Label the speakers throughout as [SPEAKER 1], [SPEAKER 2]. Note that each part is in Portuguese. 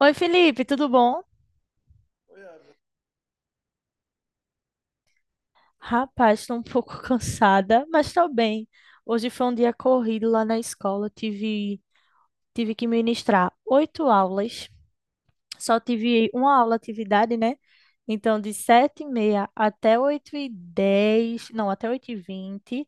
[SPEAKER 1] Oi, Felipe, tudo bom? Rapaz, estou um pouco cansada, mas estou bem. Hoje foi um dia corrido lá na escola. Tive que ministrar oito aulas. Só tive uma aula atividade, né? Então, de 7:30 até 8:10, não, até 8:20,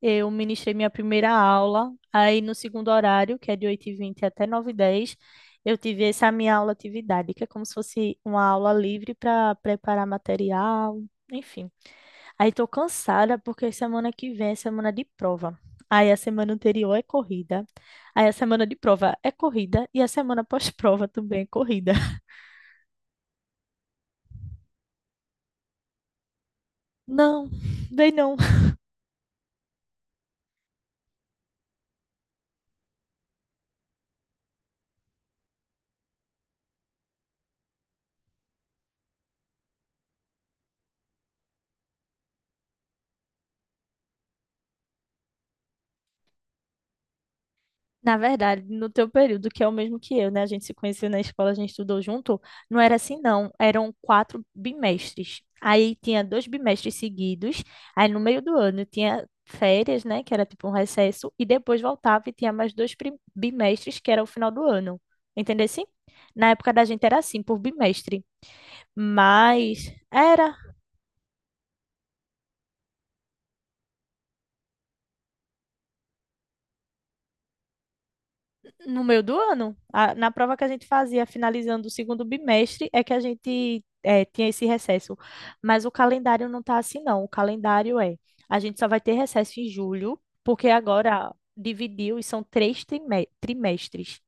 [SPEAKER 1] eu ministrei minha primeira aula. Aí, no segundo horário, que é de 8:20 até 9:10, eu tive essa minha aula atividade, que é como se fosse uma aula livre para preparar material, enfim. Aí tô cansada porque semana que vem é semana de prova. Aí a semana anterior é corrida. Aí a semana de prova é corrida e a semana pós-prova também é corrida. Não, bem não. Na verdade, no teu período, que é o mesmo que eu, né? A gente se conheceu na escola, a gente estudou junto. Não era assim, não. Eram 4 bimestres. Aí tinha 2 bimestres seguidos. Aí no meio do ano tinha férias, né? Que era tipo um recesso. E depois voltava e tinha mais dois bimestres, que era o final do ano. Entendeu assim? Na época da gente era assim, por bimestre. Mas era. No meio do ano, na prova que a gente fazia, finalizando o segundo bimestre, é que a gente tinha esse recesso. Mas o calendário não tá assim, não. O calendário a gente só vai ter recesso em julho, porque agora dividiu e são três trimestres.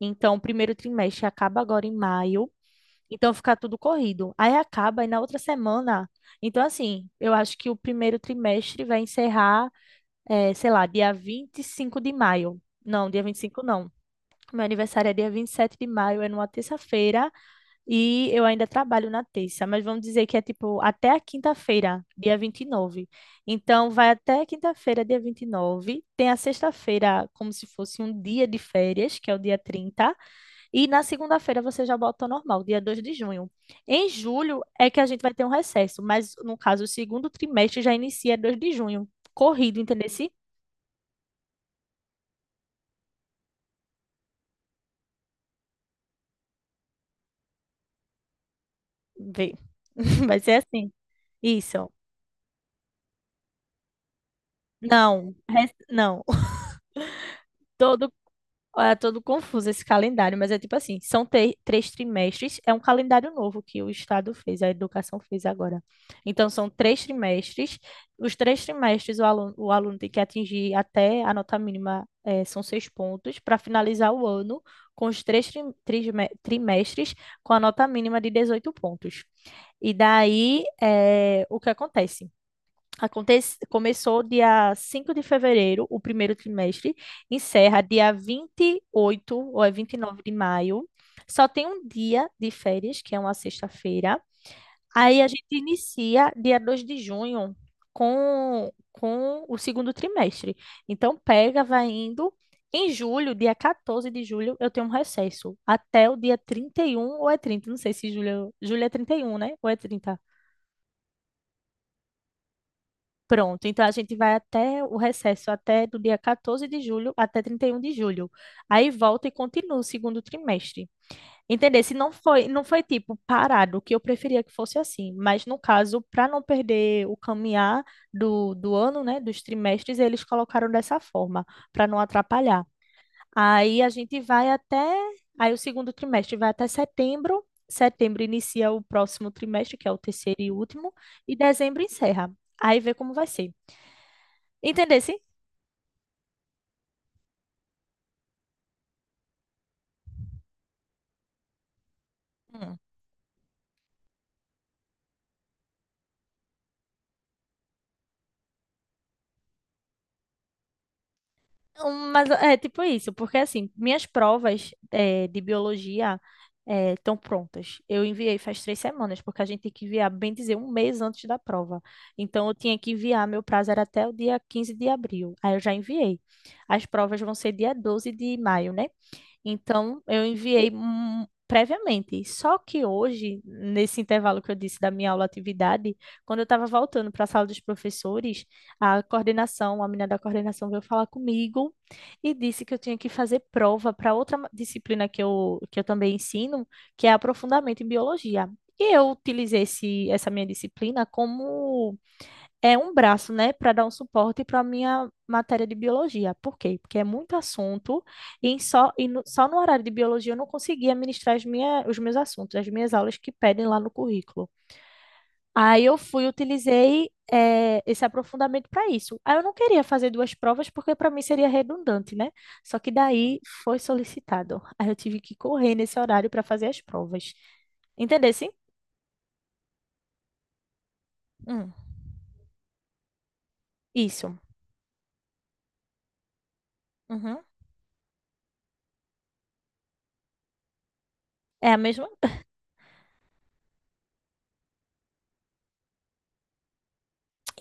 [SPEAKER 1] Então, o primeiro trimestre acaba agora em maio, então fica tudo corrido. Aí acaba e na outra semana. Então, assim, eu acho que o primeiro trimestre vai encerrar, sei lá, dia 25 de maio. Não, dia 25 não. Meu aniversário é dia 27 de maio, é numa terça-feira e eu ainda trabalho na terça, mas vamos dizer que é tipo até a quinta-feira, dia 29. Então vai até a quinta-feira, dia 29. Tem a sexta-feira como se fosse um dia de férias, que é o dia 30, e na segunda-feira você já volta ao normal, dia 2 de junho. Em julho é que a gente vai ter um recesso, mas no caso o segundo trimestre já inicia 2 de junho. Corrido, entendeu? Se Vê. Vai ser assim. Isso. Não, não. todo, É todo confuso esse calendário, mas é tipo assim, são três trimestres, é um calendário novo que o Estado fez, a educação fez agora. Então, são três trimestres, os três trimestres o aluno tem que atingir até a nota mínima, são seis pontos, para finalizar o ano com os três trimestres com a nota mínima de 18 pontos. E daí, o que acontece? Acontece, começou dia 5 de fevereiro, o primeiro trimestre, encerra dia 28 ou é 29 de maio. Só tem um dia de férias, que é uma sexta-feira. Aí a gente inicia dia 2 de junho com o segundo trimestre. Então pega, vai indo. Em julho, dia 14 de julho, eu tenho um recesso. Até o dia 31 ou é 30, não sei se julho é 31, né? Ou é 30. Pronto, então a gente vai até o recesso, até do dia 14 de julho até 31 de julho. Aí volta e continua o segundo trimestre. Entender? Se não foi, não foi tipo parado, que eu preferia que fosse assim, mas no caso, para não perder o caminhar do ano, né, dos trimestres, eles colocaram dessa forma, para não atrapalhar. Aí a gente vai até, aí o segundo trimestre vai até setembro. Setembro inicia o próximo trimestre, que é o terceiro e último, e dezembro encerra. Aí vê como vai ser. Entendesse? Hum. Mas é tipo isso, porque assim, minhas provas de biologia estão prontas. Eu enviei faz 3 semanas, porque a gente tem que enviar, bem dizer, um mês antes da prova. Então eu tinha que enviar, meu prazo era até o dia 15 de abril. Aí eu já enviei. As provas vão ser dia 12 de maio, né? Então, eu enviei previamente. Só que hoje, nesse intervalo que eu disse da minha aula atividade, quando eu estava voltando para a sala dos professores, a menina da coordenação veio falar comigo e disse que eu tinha que fazer prova para outra disciplina que eu também ensino, que é aprofundamento em biologia. E eu utilizei essa minha disciplina como é um braço, né, para dar um suporte para a minha matéria de biologia. Por quê? Porque é muito assunto e só no horário de biologia eu não conseguia ministrar os meus assuntos, as minhas aulas que pedem lá no currículo. Aí eu utilizei esse aprofundamento para isso. Aí eu não queria fazer duas provas porque para mim seria redundante, né? Só que daí foi solicitado. Aí eu tive que correr nesse horário para fazer as provas. Entendeu? Sim? Hum, isso. Uhum. É a mesma?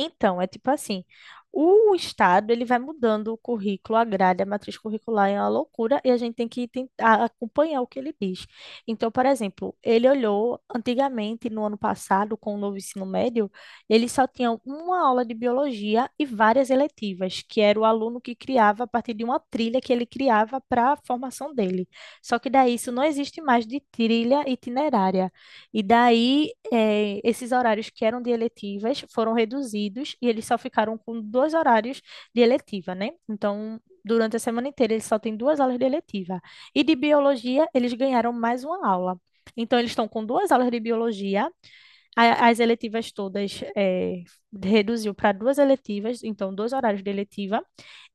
[SPEAKER 1] Então, é tipo assim, o estado ele vai mudando o currículo, a grade, a matriz curricular é uma loucura e a gente tem que tentar acompanhar o que ele diz. Então, por exemplo, ele olhou antigamente no ano passado com o novo ensino médio, ele só tinha uma aula de biologia e várias eletivas, que era o aluno que criava a partir de uma trilha que ele criava para a formação dele. Só que daí isso não existe mais de trilha itinerária. E daí, esses horários que eram de eletivas foram reduzidos e eles só ficaram com dois horários de eletiva, né? Então, durante a semana inteira, eles só têm duas aulas de eletiva. E de biologia, eles ganharam mais uma aula. Então, eles estão com duas aulas de biologia, as eletivas todas reduziu para duas eletivas, então, dois horários de eletiva.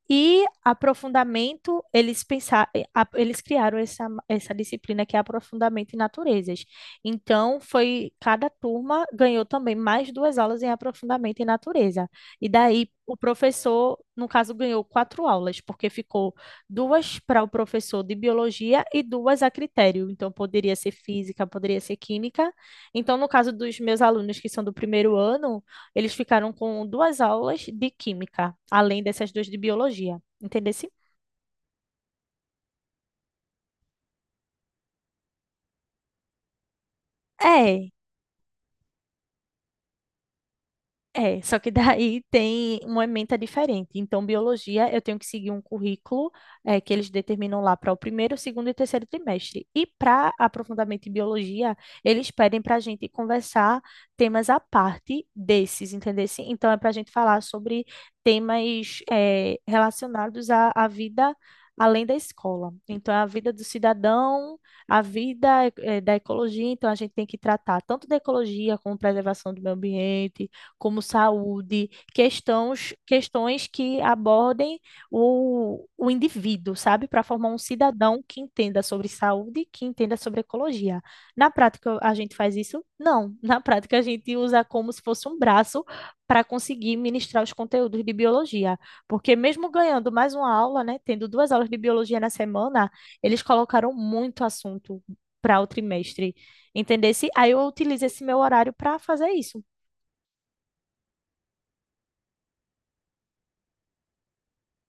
[SPEAKER 1] E aprofundamento, eles pensaram, eles criaram essa disciplina que é aprofundamento em naturezas. Então, foi cada turma ganhou também mais duas aulas em aprofundamento em natureza. E daí o professor, no caso, ganhou quatro aulas, porque ficou duas para o professor de biologia e duas a critério. Então, poderia ser física, poderia ser química. Então, no caso dos meus alunos que são do primeiro ano, eles ficaram com duas aulas de química, além dessas duas de biologia. Entendesse? É, é, só que daí tem uma ementa diferente. Então, biologia, eu tenho que seguir um currículo que eles determinam lá para o primeiro, segundo e terceiro trimestre. E para aprofundamento em biologia, eles pedem para a gente conversar temas à parte desses, entendeu? Então, é para a gente falar sobre temas relacionados à vida além da escola. Então, é a vida do cidadão, a vida da ecologia. Então, a gente tem que tratar tanto da ecologia como preservação do meio ambiente como saúde, questões que abordem o indivíduo, sabe? Para formar um cidadão que entenda sobre saúde, que entenda sobre ecologia. Na prática, a gente faz isso? Não. Na prática, a gente usa como se fosse um braço para conseguir ministrar os conteúdos de biologia. Porque mesmo ganhando mais uma aula, né, tendo duas aulas de biologia na semana, eles colocaram muito assunto para o trimestre, entendesse? Aí eu utilizo esse meu horário para fazer isso.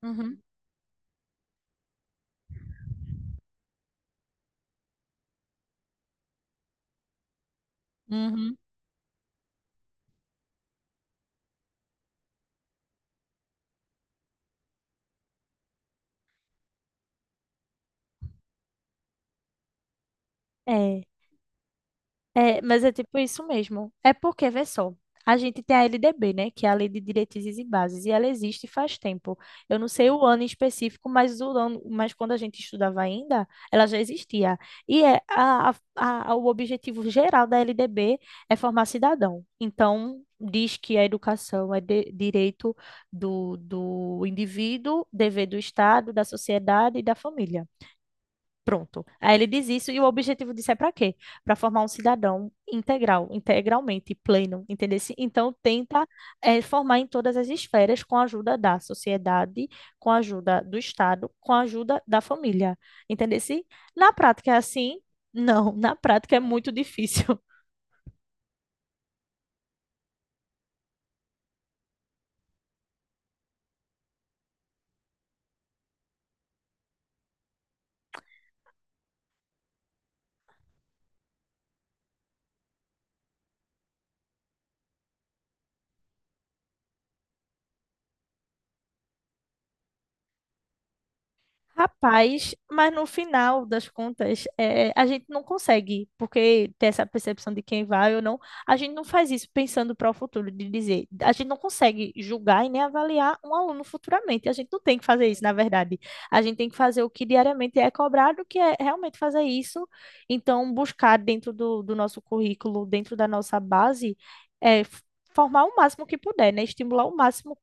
[SPEAKER 1] Uhum. Uhum. É, é, mas é tipo isso mesmo. É porque, vê só, a gente tem a LDB, né, que é a Lei de Diretrizes e Bases, e ela existe faz tempo. Eu não sei o ano em específico, mas quando a gente estudava ainda, ela já existia. E é o objetivo geral da LDB é formar cidadão. Então, diz que a educação é direito do indivíduo, dever do Estado, da sociedade e da família. Pronto. Aí ele diz isso e o objetivo disso é para quê? Para formar um cidadão integral, integralmente pleno, entendeu? Então tenta formar em todas as esferas com a ajuda da sociedade, com a ajuda do Estado, com a ajuda da família, entendeu? Na prática é assim? Não, na prática é muito difícil. Rapaz, mas no final das contas, a gente não consegue, porque ter essa percepção de quem vai ou não, a gente não faz isso pensando para o futuro, de dizer, a gente não consegue julgar e nem avaliar um aluno futuramente, a gente não tem que fazer isso, na verdade, a gente tem que fazer o que diariamente é cobrado, que é realmente fazer isso, então buscar dentro do nosso currículo, dentro da nossa base, é, f- formar o máximo que puder, né, estimular o máximo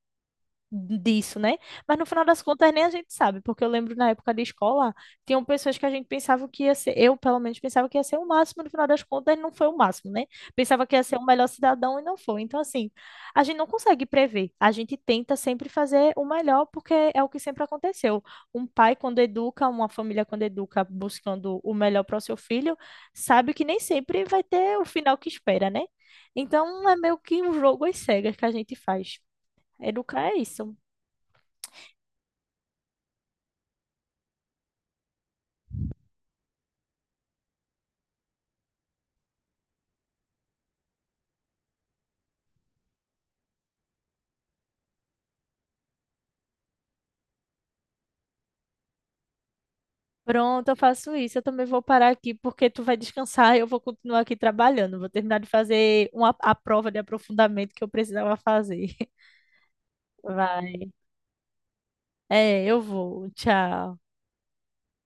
[SPEAKER 1] disso, né? Mas no final das contas nem a gente sabe, porque eu lembro na época de escola, tinham pessoas que a gente pensava que ia ser, eu pelo menos pensava que ia ser o máximo, no final das contas não foi o máximo, né? Pensava que ia ser o melhor cidadão e não foi. Então, assim, a gente não consegue prever, a gente tenta sempre fazer o melhor, porque é o que sempre aconteceu. Um pai, quando educa, uma família, quando educa, buscando o melhor para o seu filho, sabe que nem sempre vai ter o final que espera, né? Então, é meio que um jogo às cegas que a gente faz. Educar é isso. Pronto, eu faço isso. Eu também vou parar aqui porque tu vai descansar e eu vou continuar aqui trabalhando. Vou terminar de fazer a prova de aprofundamento que eu precisava fazer. Vai. É, eu vou. Tchau.